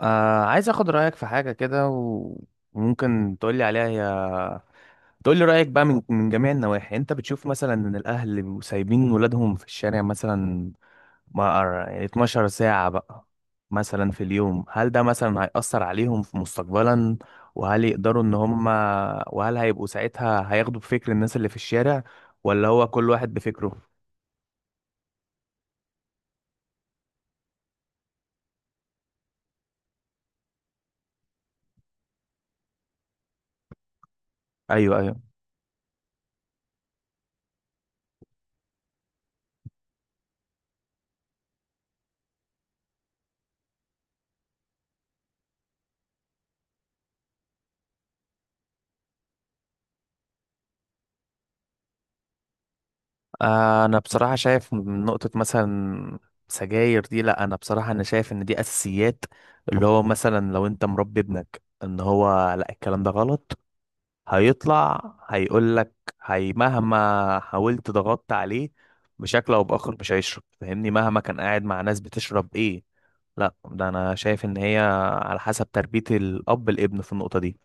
عايز اخد رأيك في حاجة كده وممكن تقولي عليها، هي تقولي رأيك بقى من جميع النواحي. انت بتشوف مثلا ان الاهل اللي بيبقوا سايبين ولادهم في الشارع مثلا، ما أر- يعني 12 ساعة بقى مثلا في اليوم، هل ده مثلا هيأثر عليهم في مستقبلا؟ وهل يقدروا ان هم، وهل هيبقوا ساعتها هياخدوا بفكر الناس اللي في الشارع ولا هو كل واحد بفكره؟ ايوه، ايوه. انا بصراحه شايف من نقطه مثلا سجاير دي، لا انا بصراحه انا شايف ان دي اساسيات، اللي هو مثلا لو انت مربي ابنك ان هو لا الكلام ده غلط، هيطلع هيقول لك هي مهما حاولت ضغطت عليه بشكل او باخر مش هيشرب، فاهمني؟ مهما كان قاعد مع ناس بتشرب ايه، لا ده انا شايف ان هي على حسب تربيه الاب الابن في النقطه دي.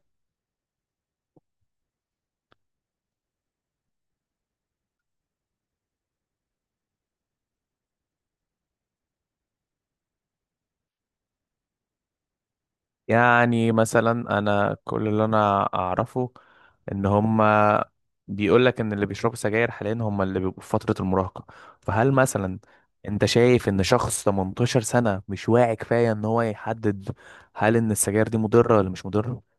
يعني مثلا انا كل اللي انا اعرفه ان هما بيقول لك ان اللي بيشربوا سجاير حاليا هما اللي بيبقوا في فترة المراهقة. فهل مثلا انت شايف ان شخص 18 سنة مش واعي كفاية ان هو يحدد هل ان السجاير دي مضرة ولا مش مضرة؟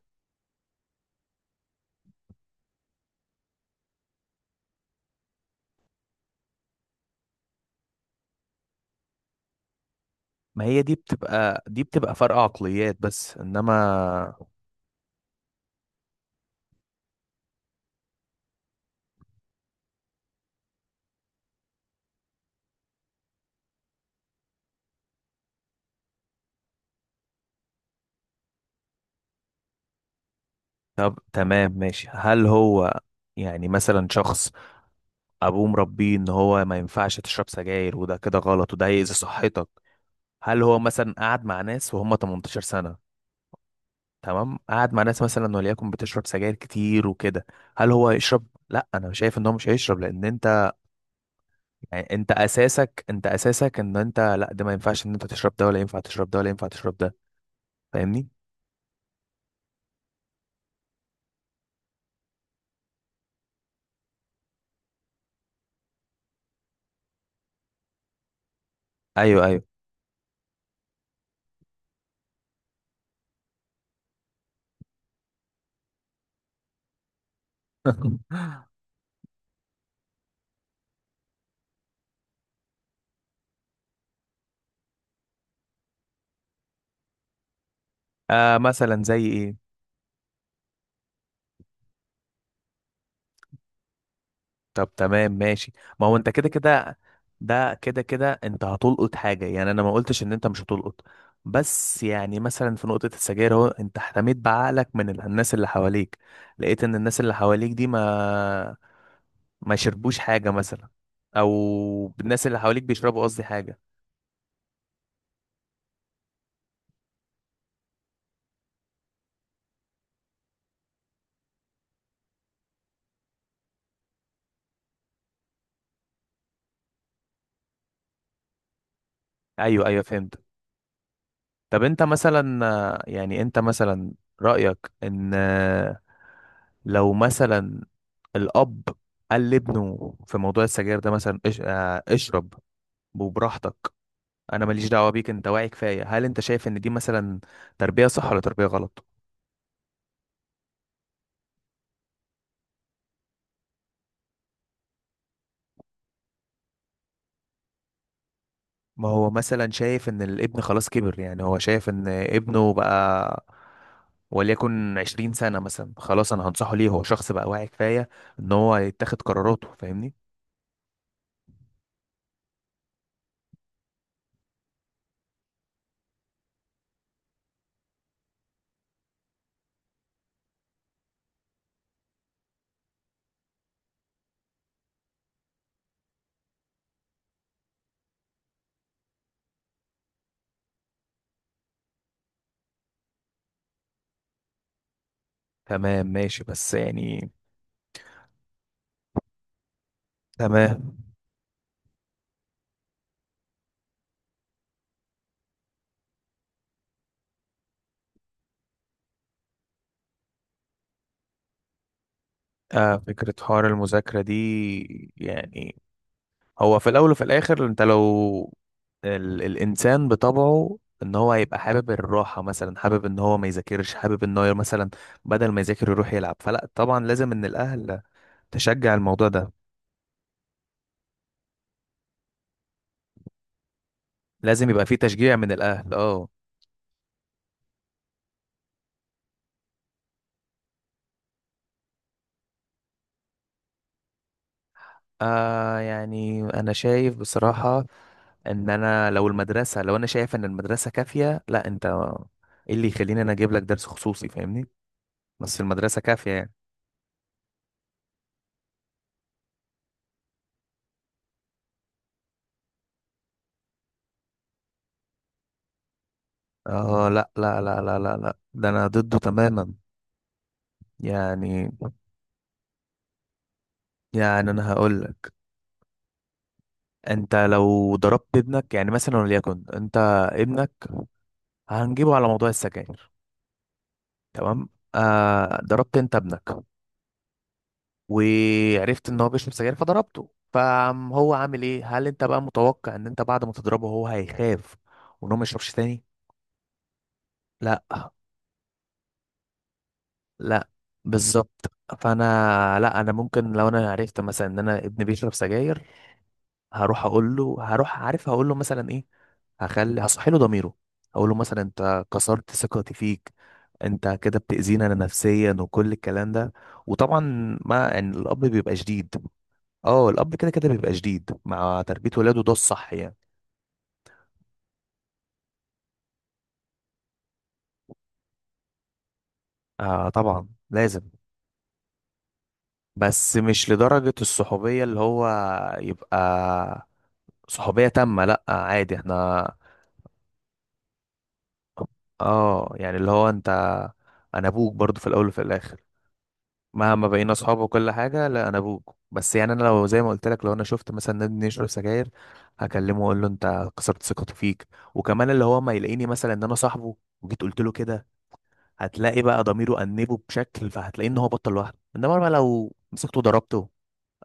ما هي دي بتبقى فرق عقليات بس انما. طب تمام، ماشي. هل هو يعني مثلا شخص ابوه مربيه ان هو ما ينفعش تشرب سجاير وده كده غلط وده هيأذي صحتك، هل هو مثلا قعد مع ناس وهم 18 سنة؟ تمام، قعد مع ناس مثلا وليكن بتشرب سجاير كتير وكده، هل هو يشرب؟ لا انا شايف ان هو مش هيشرب لان انت، يعني انت اساسك ان انت لا ده ما ينفعش ان انت تشرب ده ولا ينفع تشرب ده ولا ينفع تشرب ده، فاهمني؟ ايوه، ايوه. آه، مثلا زي ايه؟ طب تمام ماشي. ما هو انت كده كده، ده كده كده انت هتلقط حاجة، يعني انا ما قلتش ان انت مش هتلقط، بس يعني مثلا في نقطة السجاير اهو انت احتميت بعقلك من الناس اللي حواليك، لقيت ان الناس اللي حواليك دي ما شربوش حاجة مثلا، او الناس اللي حواليك بيشربوا، قصدي حاجة. ايوه، ايوه، فهمت. طب انت مثلا، يعني انت مثلا رأيك ان، لو مثلا الأب قال لابنه في موضوع السجاير ده مثلا إش... آه، اشرب وبراحتك، انا ماليش دعوه بيك، انت واعي كفايه، هل انت شايف ان دي مثلا تربيه صح ولا تربيه غلط؟ ما هو مثلا شايف ان الابن خلاص كبر، يعني هو شايف ان ابنه بقى وليكن 20 سنه مثلا، خلاص انا هنصحه ليه، هو شخص بقى واعي كفايه ان هو يتخذ قراراته، فاهمني؟ تمام ماشي، بس يعني. تمام. آه، فكره حوار المذاكره دي يعني، هو في الاول وفي الاخر انت لو الانسان بطبعه ان هو هيبقى حابب الراحه، مثلا حابب ان هو ما يذاكرش، حابب ان هو مثلا بدل ما يذاكر يروح يلعب، فلا طبعا لازم ان الاهل تشجع الموضوع ده، لازم يبقى في تشجيع من الاهل، اه. آه يعني انا شايف بصراحه ان انا لو المدرسه، لو انا شايف ان المدرسه كافيه لا انت، ايه اللي يخليني انا اجيب لك درس خصوصي؟ فاهمني؟ بس المدرسه كافيه يعني، اه. لا لا لا لا لا لا، ده انا ضده تماما. يعني، انا هقول لك. انت لو ضربت ابنك يعني مثلا وليكن انت، ابنك هنجيبه على موضوع السجاير. تمام. آه، ضربت انت ابنك وعرفت ان هو بيشرب سجاير فضربته، فهو عامل ايه؟ هل انت بقى متوقع ان انت بعد ما تضربه هو هيخاف وان هو ما يشربش تاني؟ لا. لا. بالظبط. فانا لا، انا ممكن لو انا عرفت مثلا ان انا ابني بيشرب سجاير، هروح اقول له، هروح عارف هقول له مثلا ايه، هصحي له ضميره، اقول له مثلا انت كسرت ثقتي فيك، انت كده بتأذينا انا نفسيا وكل الكلام ده، وطبعا ما يعني الاب بيبقى شديد، اه الاب كده كده بيبقى شديد مع تربية ولاده، ده الصح يعني. آه طبعا لازم، بس مش لدرجة الصحوبية اللي هو يبقى صحوبية تامة، لا عادي احنا. اه يعني اللي هو انت، انا ابوك برضو في الاول وفي الاخر، مهما بقينا اصحاب وكل حاجه لا انا ابوك، بس يعني انا لو زي ما قلت لك، لو انا شفت مثلا نادي يشرب سجاير هكلمه واقول له انت كسرت ثقته فيك، وكمان اللي هو ما يلاقيني مثلا ان انا صاحبه وجيت قلت له كده، هتلاقي بقى ضميره انبه بشكل، فهتلاقي ان هو بطل لوحده، انما بقى لو مسكته ضربته،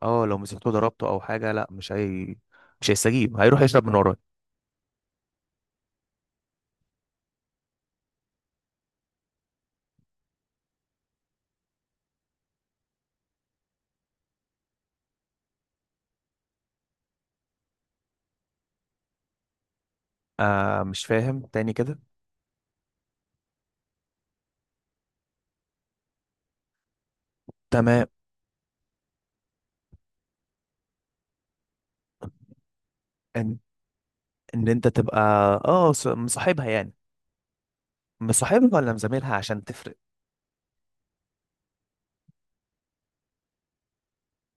اه لو مسكته ضربته او حاجه، لا مش هي، مش هيستجيب، هيروح يشرب من ورايا. آه، مش فاهم تاني كده. تمام، ان ان انت تبقى، اه مصاحبها يعني، مصاحبها ولا مزاملها عشان تفرق؟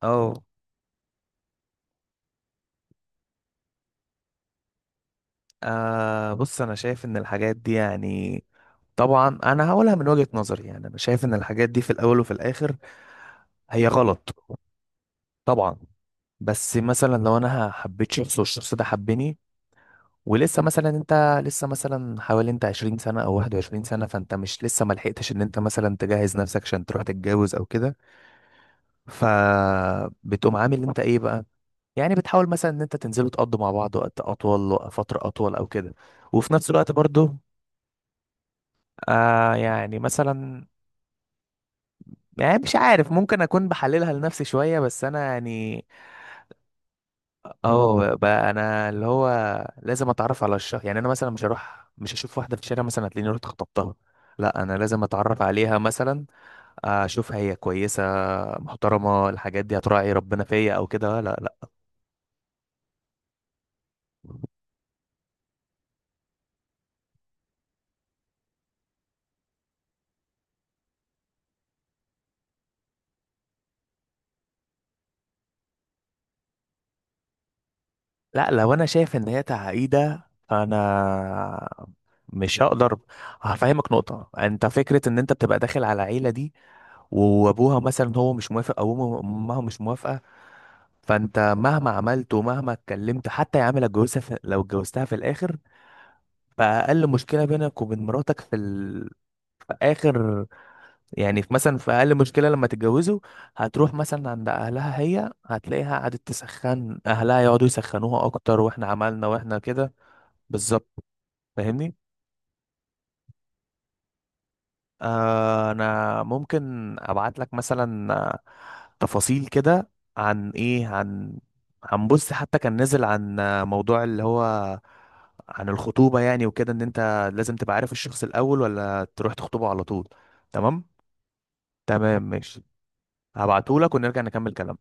اه. آه بص، انا شايف ان الحاجات دي يعني طبعا انا هقولها من وجهة نظري، يعني انا شايف ان الحاجات دي في الاول وفي الاخر هي غلط طبعا. بس مثلا لو انا حبيت شخص والشخص ده حبني، ولسه مثلا انت لسه مثلا حوالي انت 20 سنة او 21 سنة، فانت مش لسه ما لحقتش ان انت مثلا تجهز نفسك عشان تروح تتجوز او كده. فبتقوم عامل انت ايه بقى؟ يعني بتحاول مثلا ان انت تنزلوا تقضوا مع بعض وقت اطول وفترة اطول او كده، وفي نفس الوقت برضو. يعني مثلا، يعني مش عارف ممكن اكون بحللها لنفسي شويه، بس انا يعني. اه بقى انا اللي هو لازم اتعرف على الشخص، يعني انا مثلا مش هروح مش هشوف واحده في الشارع مثلا هتلاقيني رحت خطبتها، لا انا لازم اتعرف عليها مثلا، اشوف هي كويسه محترمه، الحاجات دي هتراعي ربنا فيا او كده، لا. لا لو انا شايف ان هي تعقيده فانا مش هقدر. هفهمك نقطه، انت فكره ان انت بتبقى داخل على عيله دي وابوها مثلا هو مش موافق او امها مش موافقه، فانت مهما عملت ومهما اتكلمت، حتى يا عم لو اتجوزتها لو اتجوزتها في الاخر، فاقل مشكله بينك وبين مراتك في في اخر، يعني في مثلا في اقل مشكله لما تتجوزوا، هتروح مثلا عند اهلها هي، هتلاقيها قعدت تسخن اهلها يقعدوا يسخنوها اكتر، واحنا عملنا واحنا كده. بالظبط، فاهمني. آه انا ممكن ابعت لك مثلا، تفاصيل كده، عن ايه عن بص، حتى كان نزل عن، موضوع اللي هو عن الخطوبة يعني وكده، ان انت لازم تبقى عارف الشخص الاول ولا تروح تخطبه على طول. تمام. تمام ماشي، هبعته لك ونرجع نكمل كلام